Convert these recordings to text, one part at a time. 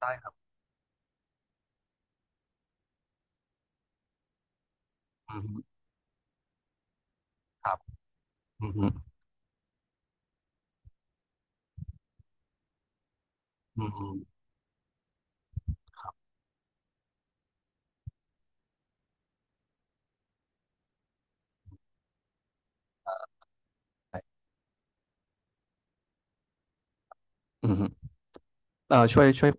ได้ครับอืมครับอืมอืมอืมฮึไอืมช่วยช่วย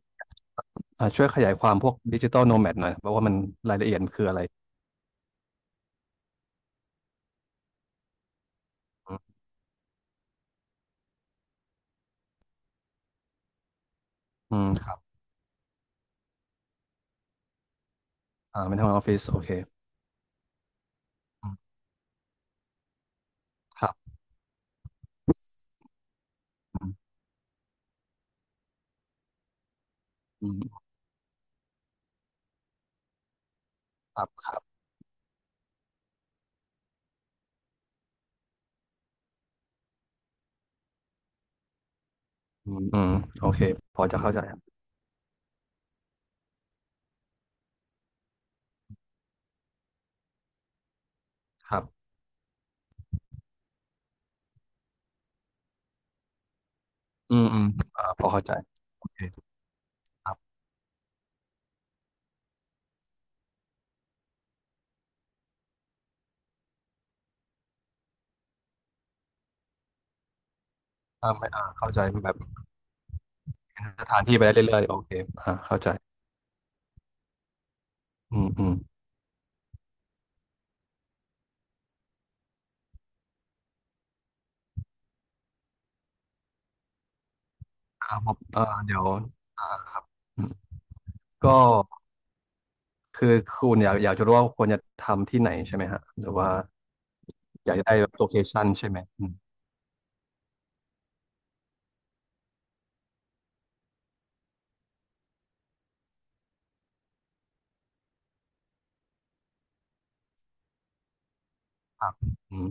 ช่วยขยายความพวกดิจิตอลโนแมดหน่อยเพราะว่ามันรายละเอียดมันคืออะไรอืมอืมครับอ่าเป็นทำงานออฟฟิศโอเคอืมครับอืมอืมครับครับอืมอืมโอเคพอจะเข้าใจครับอืมอืมอ่าพอเข้าใจโอเคครับถ้าไม่อ่าเข้าใจแบบเป็นสถานที่ไปได้เรื่อยๆโอเคอ่าเข้าใจอืมอืมครับผมอ่าเดี๋ยวอ่าครับอืมก็ คือคุณอยากอยากจะรู้ว่าควรจะทำที่ไหนใช่ไหมฮะหรือว่าอยากจะได้แบบโลเคชั่นใช่ไหมอืมครับอืม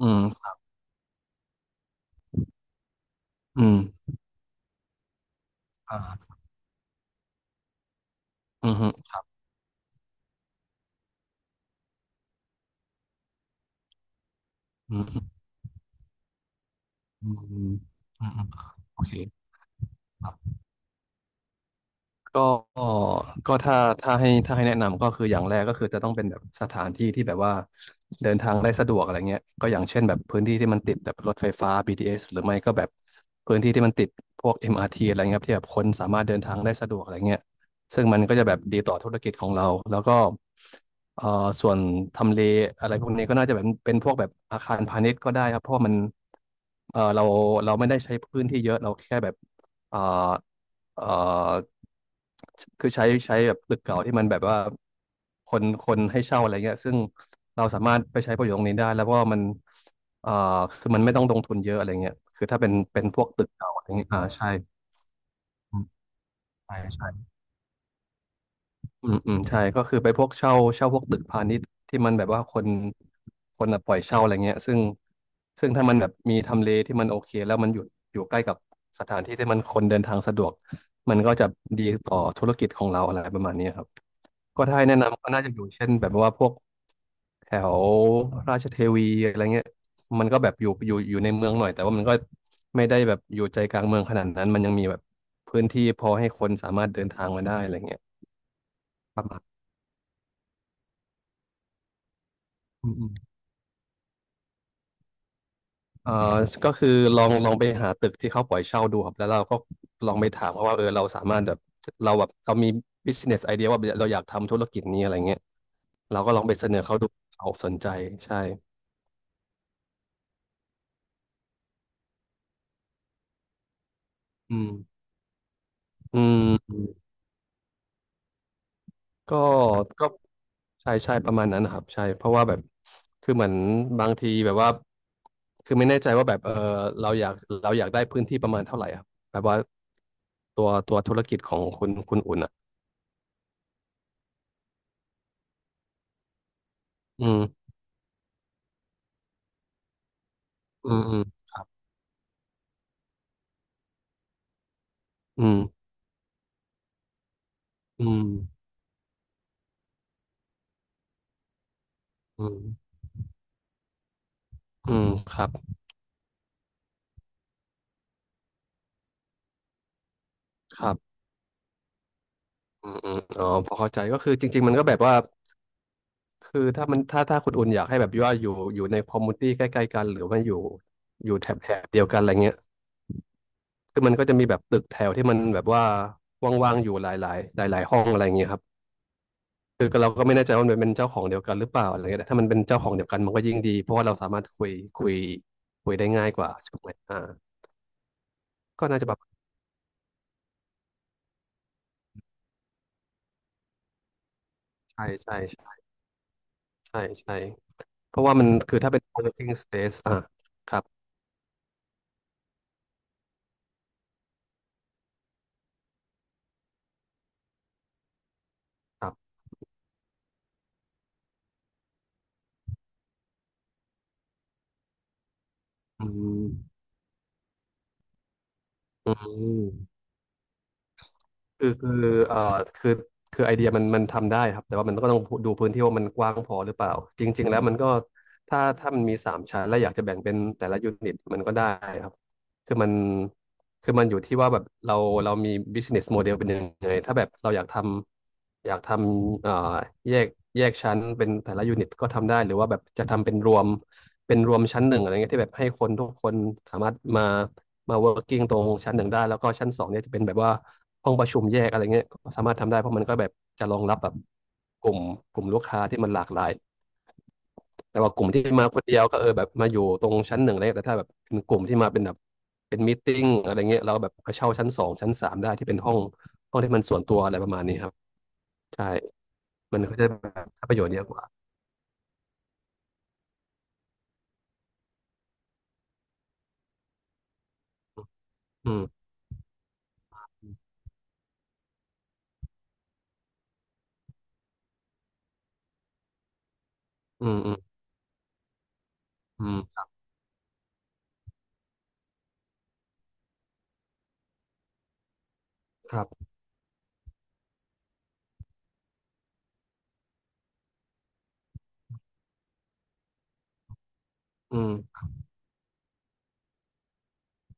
อืมอืมอ่าอืมฮึอืมฮึอืมอืมอืมอืมโอเคครับ ก็ก็ถ้าถ้าให้ถ้าให้แนะนำก็คืออย่างแรกก็คือจะต้องเป็นแบบสถานที่ที่แบบว่าเดินทางได้สะดวกอะไรเงี้ยก็อย่างเช่นแบบพื้นที่ที่มันติดแบบรถไฟฟ้า BTS หรือไม่ก็แบบพื้นที่ที่มันติดพวก MRT อมอาร์ทีอะไรเงี้ยครับที่แบบคนสามารถเดินทางได้สะดวกอะไรเงี้ยซึ่งมันก็จะแบบดีต่อธุรกิจของเราแล้วก็เอ่อส่วนทำเลอะไรพวกนี้ก็น่าจะแบบเป็นพวกแบบอาคารพาณิชย์ก็ได้ครับเพราะว่ามันเราเราไม่ได้ใช้พื้นที่เยอะเราแค่แบบ เอ่อเอ่อคือใช้ใช้แบบตึกเก่าที่มันแบบว่าคนคนให้เช่าอะไรเงี้ยซึ่งเราสามารถไปใช้ประโยชน์ตรงนี้ได้แล้วก็มันเอ่อคือมันไม่ต้องลงทุนเยอะอะไรเงี้ยคือถ้าเป็นเป็นพวกตึกเก่าอะไรเงี้ยอ่าใช่อืมใช่ใช่ อืมอืมใช่ก็คือไปพวกเช่าเช่าพวกตึกพาณิชย์ที่มันแบบว่าคนคนอะปล่อยเช่าอะไรเงี้ยซึ่งซึ่งถ้ามันแบบมีทำเลที่มันโอเคแล้วมันอยู่อยู่ใกล้กับสถานที่ที่มันคนเดินทางสะดวกมันก็จะดีต่อธุรกิจของเราอะไรประมาณนี้ครับก็ถ้าให้แนะนำก็น่าจะอยู่เช่นแบบว่าพวกแถวราชเทวีอะไรเงี้ยมันก็แบบอยู่อยู่อยู่ในเมืองหน่อยแต่ว่ามันก็ไม่ได้แบบอยู่ใจกลางเมืองขนาดนั้นมันยังมีแบบพื้นที่พอให้คนสามารถเดินทางมาได้อะไรเงี้ย อืมอืมเอ่อก็คือลองลองไปหาตึกที่เขาปล่อยเช่าดูครับแล้วเราก็ลองไปถามเขาว่าเออเราสามารถแบบเราแบบเรามี business idea ว่าเราอยากทำธุรกิจนี้อะไรเงี้ยเราก็ลองไปเสนอเขาดูเขาสนใจใช่อืมอืมก็ก็ใช่ใช่ประมาณนั้นนะครับใช่เพราะว่าแบบคือเหมือนบางทีแบบว่าคือไม่แน่ใจว่าแบบเออเราอยากเราอยากได้พื้นที่ประมาณเท่าไหร่ครับแบบว่าตัวตัวธุรกิจของคุณคุณอุ่นอ่ะอืมอืมอืม อืมอืมอืมอืมครับครับอืมอืมอ๋อพอเข้าใจก็คือจริงๆมันก็แบบว่าคือถ้ามันถ้าถ้าคุณอุ่นอยากให้แบบว่าอยู่อยู่ในคอมมูนิตี้ใกล้ๆกันหรือว่าอยู่อยู่แถบแถบเดียวกันอะไรเงี้ยคือมันก็จะมีแบบตึกแถวที่มันแบบว่าว่างๆอยู่หลายๆหลายๆห้องอะไรเงี้ยครับคือเราก็ไม่แน่ใจว่ามันเป็นเจ้าของเดียวกันหรือเปล่าอะไรเงี้ยแต่ถ้ามันเป็นเจ้าของเดียวกันมันก็ยิ่งดีเพราะว่าเราสามารถคุยคุยคุยได้ง่ายกว่าใช่ไหมอ่าก็น่าจะแบบใช่ใช่ใช่ใช่ เพราะว่ามันคือถ้าเป็น co-working space อ่ะครับครับอืมอืม คือคือเอ่อคือคือไอเดียมันมันทำได้ครับแต่ว่ามันก็ต้องดูพื้นที่ว่ามันกว้างพอหรือเปล่าจริงๆแล้วมันก็ถ้าถ้ามันมี3 ชั้นและอยากจะแบ่งเป็นแต่ละยูนิตมันก็ได้ครับคือมันคือมันอยู่ที่ว่าแบบเราเรามี business model เป็นยังไงถ้าแบบเราอยากทำอยากทำแยกแยกชั้นเป็นแต่ละยูนิตก็ทำได้หรือว่าแบบจะทำเป็นรวมเป็นรวมชั้นหนึ่งอะไรเงี้ยที่แบบให้คนทุกคนสามารถมา มา working ตรงชั้นหนึ่งได้แล้วก็ชั้นสองเนี่ยจะเป็นแบบว่าห้องประชุมแยกอะไรเงี้ยก็สามารถทำได้เพราะมันก็แบบจะรองรับแบบกลุ่มกลุ่มลูกค้าที่มันหลากหลายแต่ว่ากลุ่มที่มาคนเดียวก็เออแบบมาอยู่ตรงชั้นหนึ่งอะไรเงี้ยแต่ถ้าแบบเป็นกลุ่มที่มาเป็นแบบเป็นมีตติ้งอะไรเงี้ยเราแบบมาเช่าชั้นสองชั้นสามได้ที่เป็นห้องที่มันส่วนตัวอะไรประมาณนี้ครับใช่มันก็จะแบบได้ประโยชน์เยอะกว่าอืมอืมอืมอืมครับอืม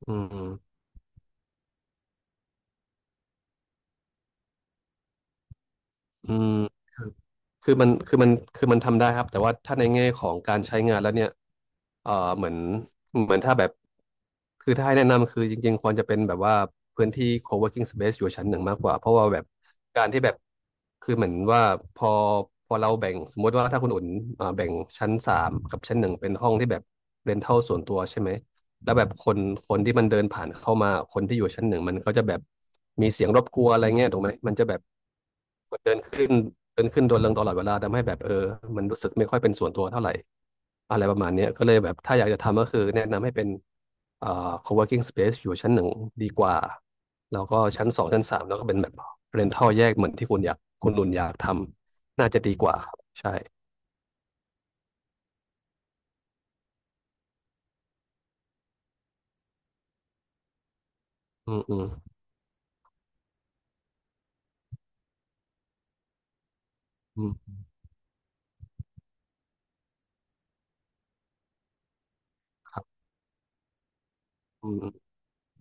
อืม อืมคอคือมันคือมันคือมันทำได้ครับแต่ว่าถ้าในแง่ของการใช้งานแล้วเนี่ยเอ่อเหมือนเหมือนถ้าแบบคือถ้าให้แนะนำคือจริงๆควรจะเป็นแบบว่าพื้นที่ co-working space อยู่ชั้นหนึ่งมากกว่าเพราะว่าแบบการที่แบบคือเหมือนว่าพอพอเราแบ่งสมมติว่าถ้าคุณอุ่นแบ่งชั้นสามกับชั้นหนึ่งเป็นห้องที่แบบเรนทัลส่วนตัวใช่ไหม แล้วแบบคนที่มันเดินผ่านเข้ามาคนที่อยู่ชั้นหนึ่งมันก็จะแบบมีเสียงรบกวนอะไรเงี้ยถูกไหมมันจะแบบเดินขึ้นเดินขึ้นโดนลงตลอดเวลาทำให้แบบเออมันรู้สึกไม่ค่อยเป็นส่วนตัวเท่าไหร่อะไรประมาณเนี้ยก็เลยแบบถ้าอยากจะทำก็คือแนะนำให้เป็นเอ่อ co-working space อยู่ชั้นหนึ่งดีกว่าแล้วก็ชั้นสองชั้นสามแล้วก็เป็นแบบ rental แยกเหมือนที่คุณอยากคุณรุนอยากทำน่าจะดีกว่าครับใช่อืมอืมอืมครับอืมอืม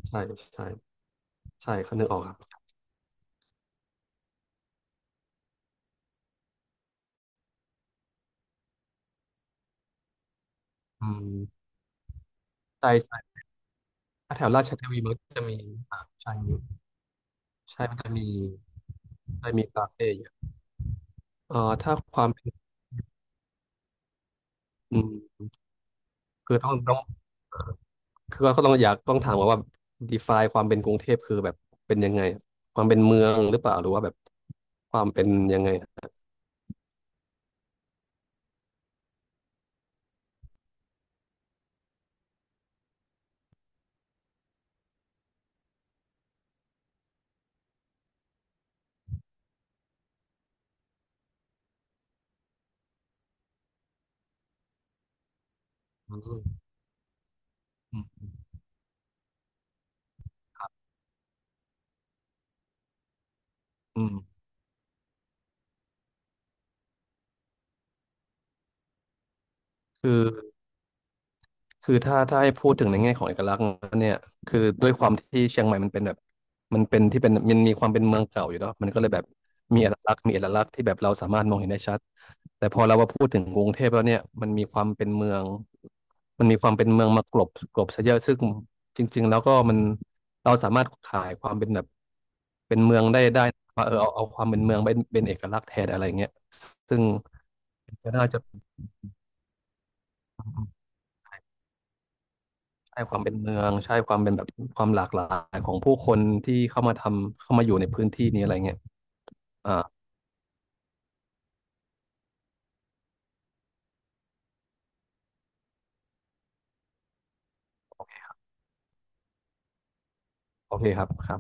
ใช่ใช่ใช่เขานึกออกครับอืม ใช่ใช่ถ้าแถวราชเทวีมันก็จะมีอ่าใช่อยู่ใช่มันจะมีจะมีคาเฟ่เยอะเอ่อถ้าความเป็นอืมคือต้องคือก็ต้องอยากต้องถามก่อนว่า define ความเป็นกรุงเทพคือแบบเป็นยังไงความเป็นเมืองหรือเปล่าหรือว่าแบบความเป็นยังไงอืมอืมอืมคือ คือถ้าถ้าให้พูดถึงในแง่ของเอกลักษณ์เนี่ยคือด้วยความที่เชียงใหม่มันเป็นแบบมันเป็นที่เป็นมันมีความเป็นเมืองเก่าอยู่เนาะมันก็เลยแบบมีเอกลักษณ์ที่แบบเราสามารถมองเห็นได้ชัดแต่พอเรามาพูดถึงกรุงเทพแล้วเนี่ยมันมีความเป็นเมืองมันมีความเป็นเมืองมากลบซะเยอะซึ่งจริงๆแล้วก็มันเราสามารถขายความเป็นแบบเป็นเมืองได้ว่าเออเอาความเป็นเมืองเป็นเอกลักษณ์แทนอะไรเงี้ยซึ่งก็น่าจะ ใช่ความเป็นเมืองใช่ความเป็นแบบความหลากหลายของผู้คนที่เข้ามาทำเข้ามาอยู่ในพื้นที่นี้อะไรเงี้ยอ่าโอเคครับครับ